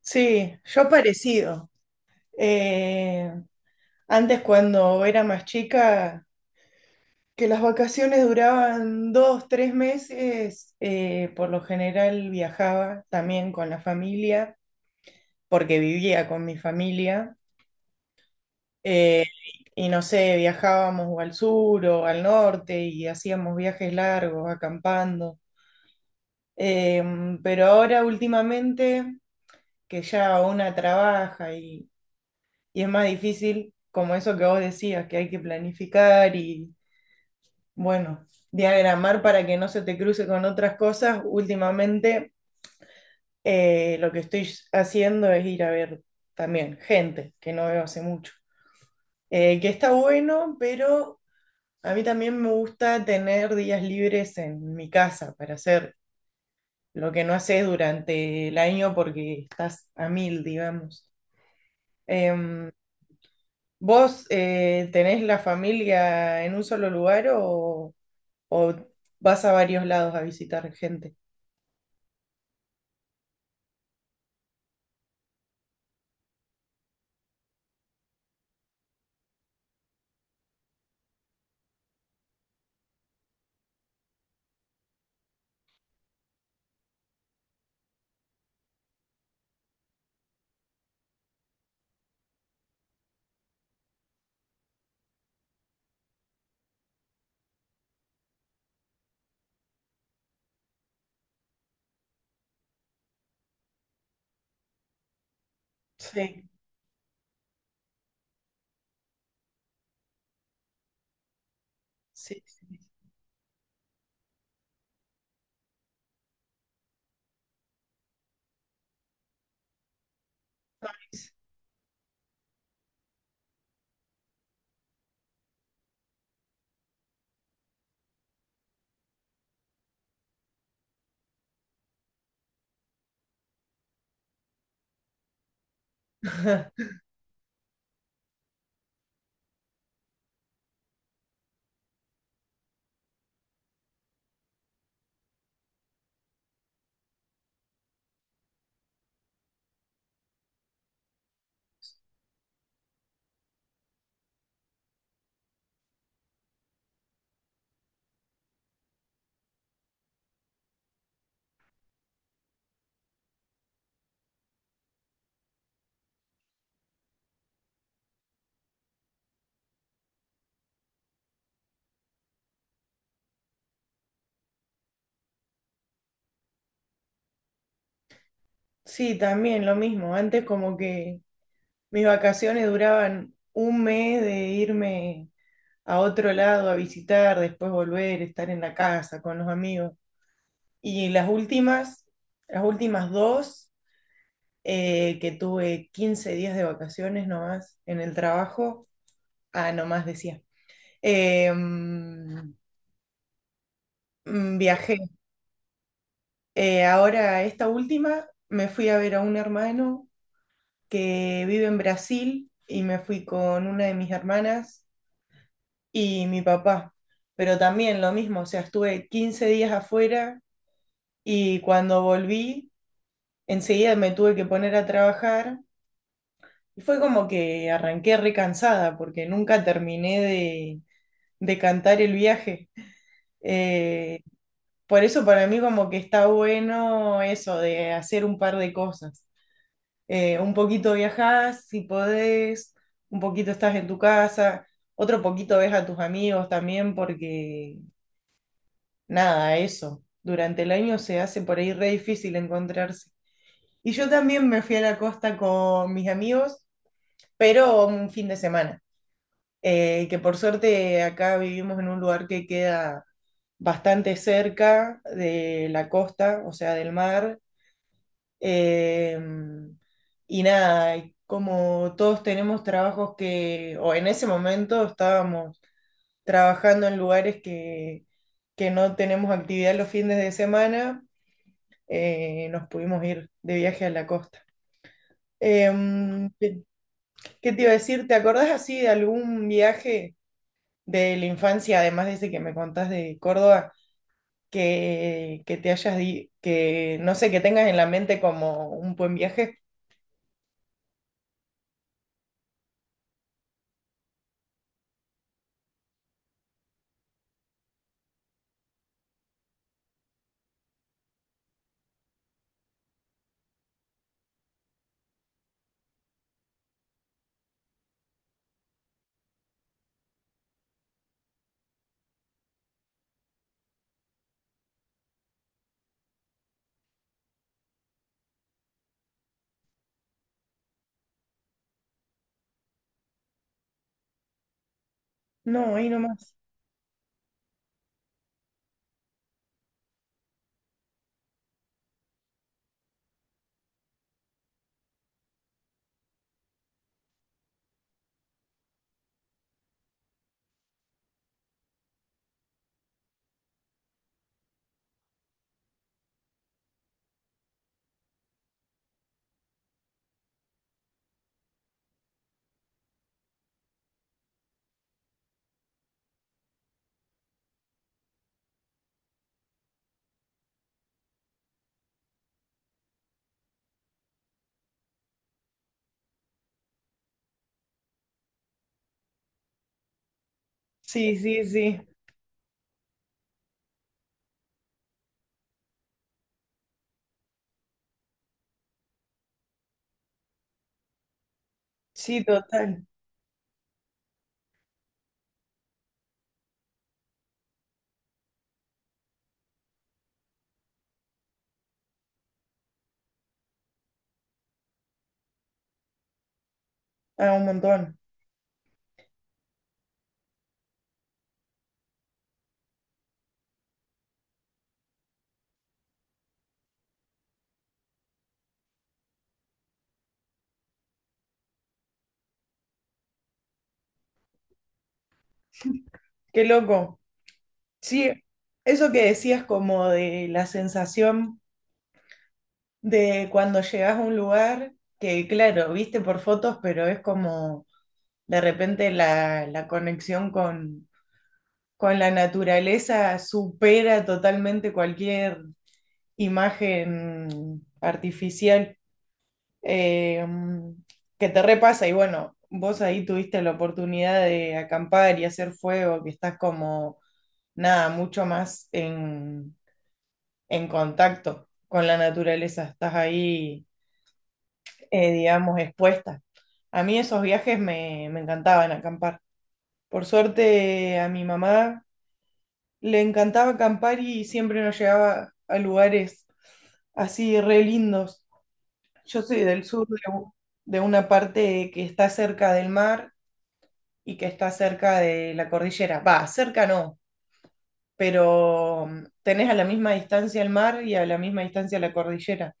Sí, yo parecido. Eh, Antes cuando era más chica, que las vacaciones duraban 2, 3 meses, por lo general viajaba también con la familia, porque vivía con mi familia. Eh, y no sé, viajábamos o al sur o al norte y hacíamos viajes largos, acampando. Eh, pero ahora últimamente, que ya una trabaja y es más difícil, como eso que vos decías, que hay que planificar y, bueno, diagramar para que no se te cruce con otras cosas. Últimamente, lo que estoy haciendo es ir a ver también gente que no veo hace mucho. Que está bueno, pero a mí también me gusta tener días libres en mi casa para hacer lo que no haces durante el año porque estás a mil, digamos. Em, ¿Vos tenés la familia en un solo lugar o, vas a varios lados a visitar gente? Sí, sí, sí. Sí, Sí, también lo mismo. Antes como que mis vacaciones duraban un mes de irme a otro lado a visitar, después volver, estar en la casa con los amigos. Y las últimas dos. Que tuve 15 días de vacaciones nomás en el trabajo. Ah, nomás decía. Eh, mm, Viajé. Ahora, esta última, me fui a ver a un hermano que vive en Brasil y me fui con una de mis hermanas y mi papá. Pero también lo mismo, o sea, estuve 15 días afuera y cuando volví, enseguida me tuve que poner a trabajar. Y fue como que arranqué recansada porque nunca terminé de cantar el viaje. Eh, por eso para mí como que está bueno eso de hacer un par de cosas. Un poquito viajás si podés, un poquito estás en tu casa, otro poquito ves a tus amigos también porque nada, eso. Durante el año se hace por ahí re difícil encontrarse. Y yo también me fui a la costa con mis amigos, pero un fin de semana. Que por suerte acá vivimos en un lugar que queda bastante cerca de la costa, o sea, del mar. eh, y nada, y como todos tenemos trabajos que, o en ese momento estábamos trabajando en lugares que, no tenemos actividad los fines de semana, nos pudimos ir de viaje a la costa. Em, ¿qué, qué te iba a decir? ¿Te acordás así de algún viaje de la infancia, además de ese que me contás de Córdoba? Que que no sé, que tengas en la mente como un buen viaje. No, ahí nomás. Sí, sí, sí. Sí, total. Ah, un montón. Qué loco. Sí, eso que decías como de la sensación de cuando llegas a un lugar, que claro, viste por fotos, pero es como de repente la, conexión con la naturaleza supera totalmente cualquier imagen artificial. eh, que te repasa y bueno, vos ahí tuviste la oportunidad de acampar y hacer fuego, que estás como, nada, mucho más en, contacto con la naturaleza, estás ahí, digamos, expuesta. A mí esos viajes me encantaban acampar. Por suerte a mi mamá le encantaba acampar y siempre nos llevaba a lugares así re lindos. Yo soy del sur de de una parte que está cerca del mar y que está cerca de la cordillera. Va, cerca no, pero tenés a la misma distancia el mar y a la misma distancia la cordillera.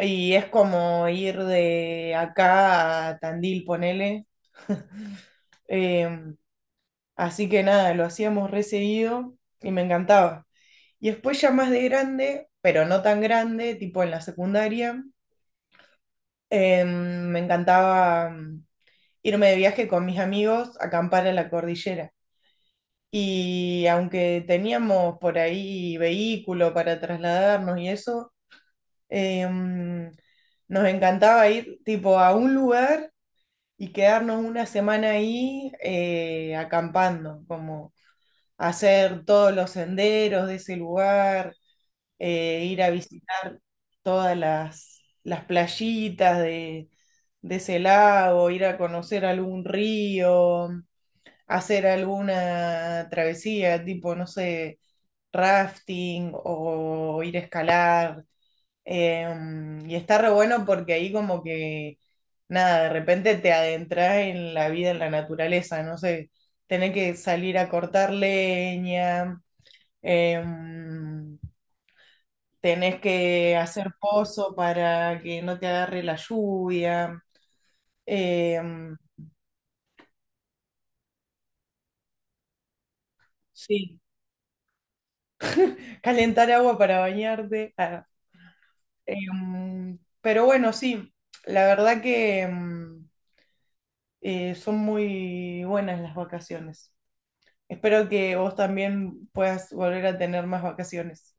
Y es como ir de acá a Tandil, ponele. Em, Así que nada, lo hacíamos re seguido y me encantaba. Y después ya más de grande, pero no tan grande, tipo en la secundaria, me encantaba irme de viaje con mis amigos a acampar a la cordillera. Y aunque teníamos por ahí vehículo para trasladarnos y eso, em, nos encantaba ir tipo a un lugar y quedarnos una semana ahí acampando, como hacer todos los senderos de ese lugar, ir a visitar todas las, playitas de ese lago, ir a conocer algún río, hacer alguna travesía, tipo, no sé, rafting o ir a escalar. Y está re bueno porque ahí como que, nada, de repente te adentras en la vida, en la naturaleza, no sé, tenés que salir a cortar leña, em, tenés que hacer pozo para que no te agarre la lluvia, em, sí, calentar agua para bañarte. Pero bueno, sí, la verdad que son muy buenas las vacaciones. Espero que vos también puedas volver a tener más vacaciones.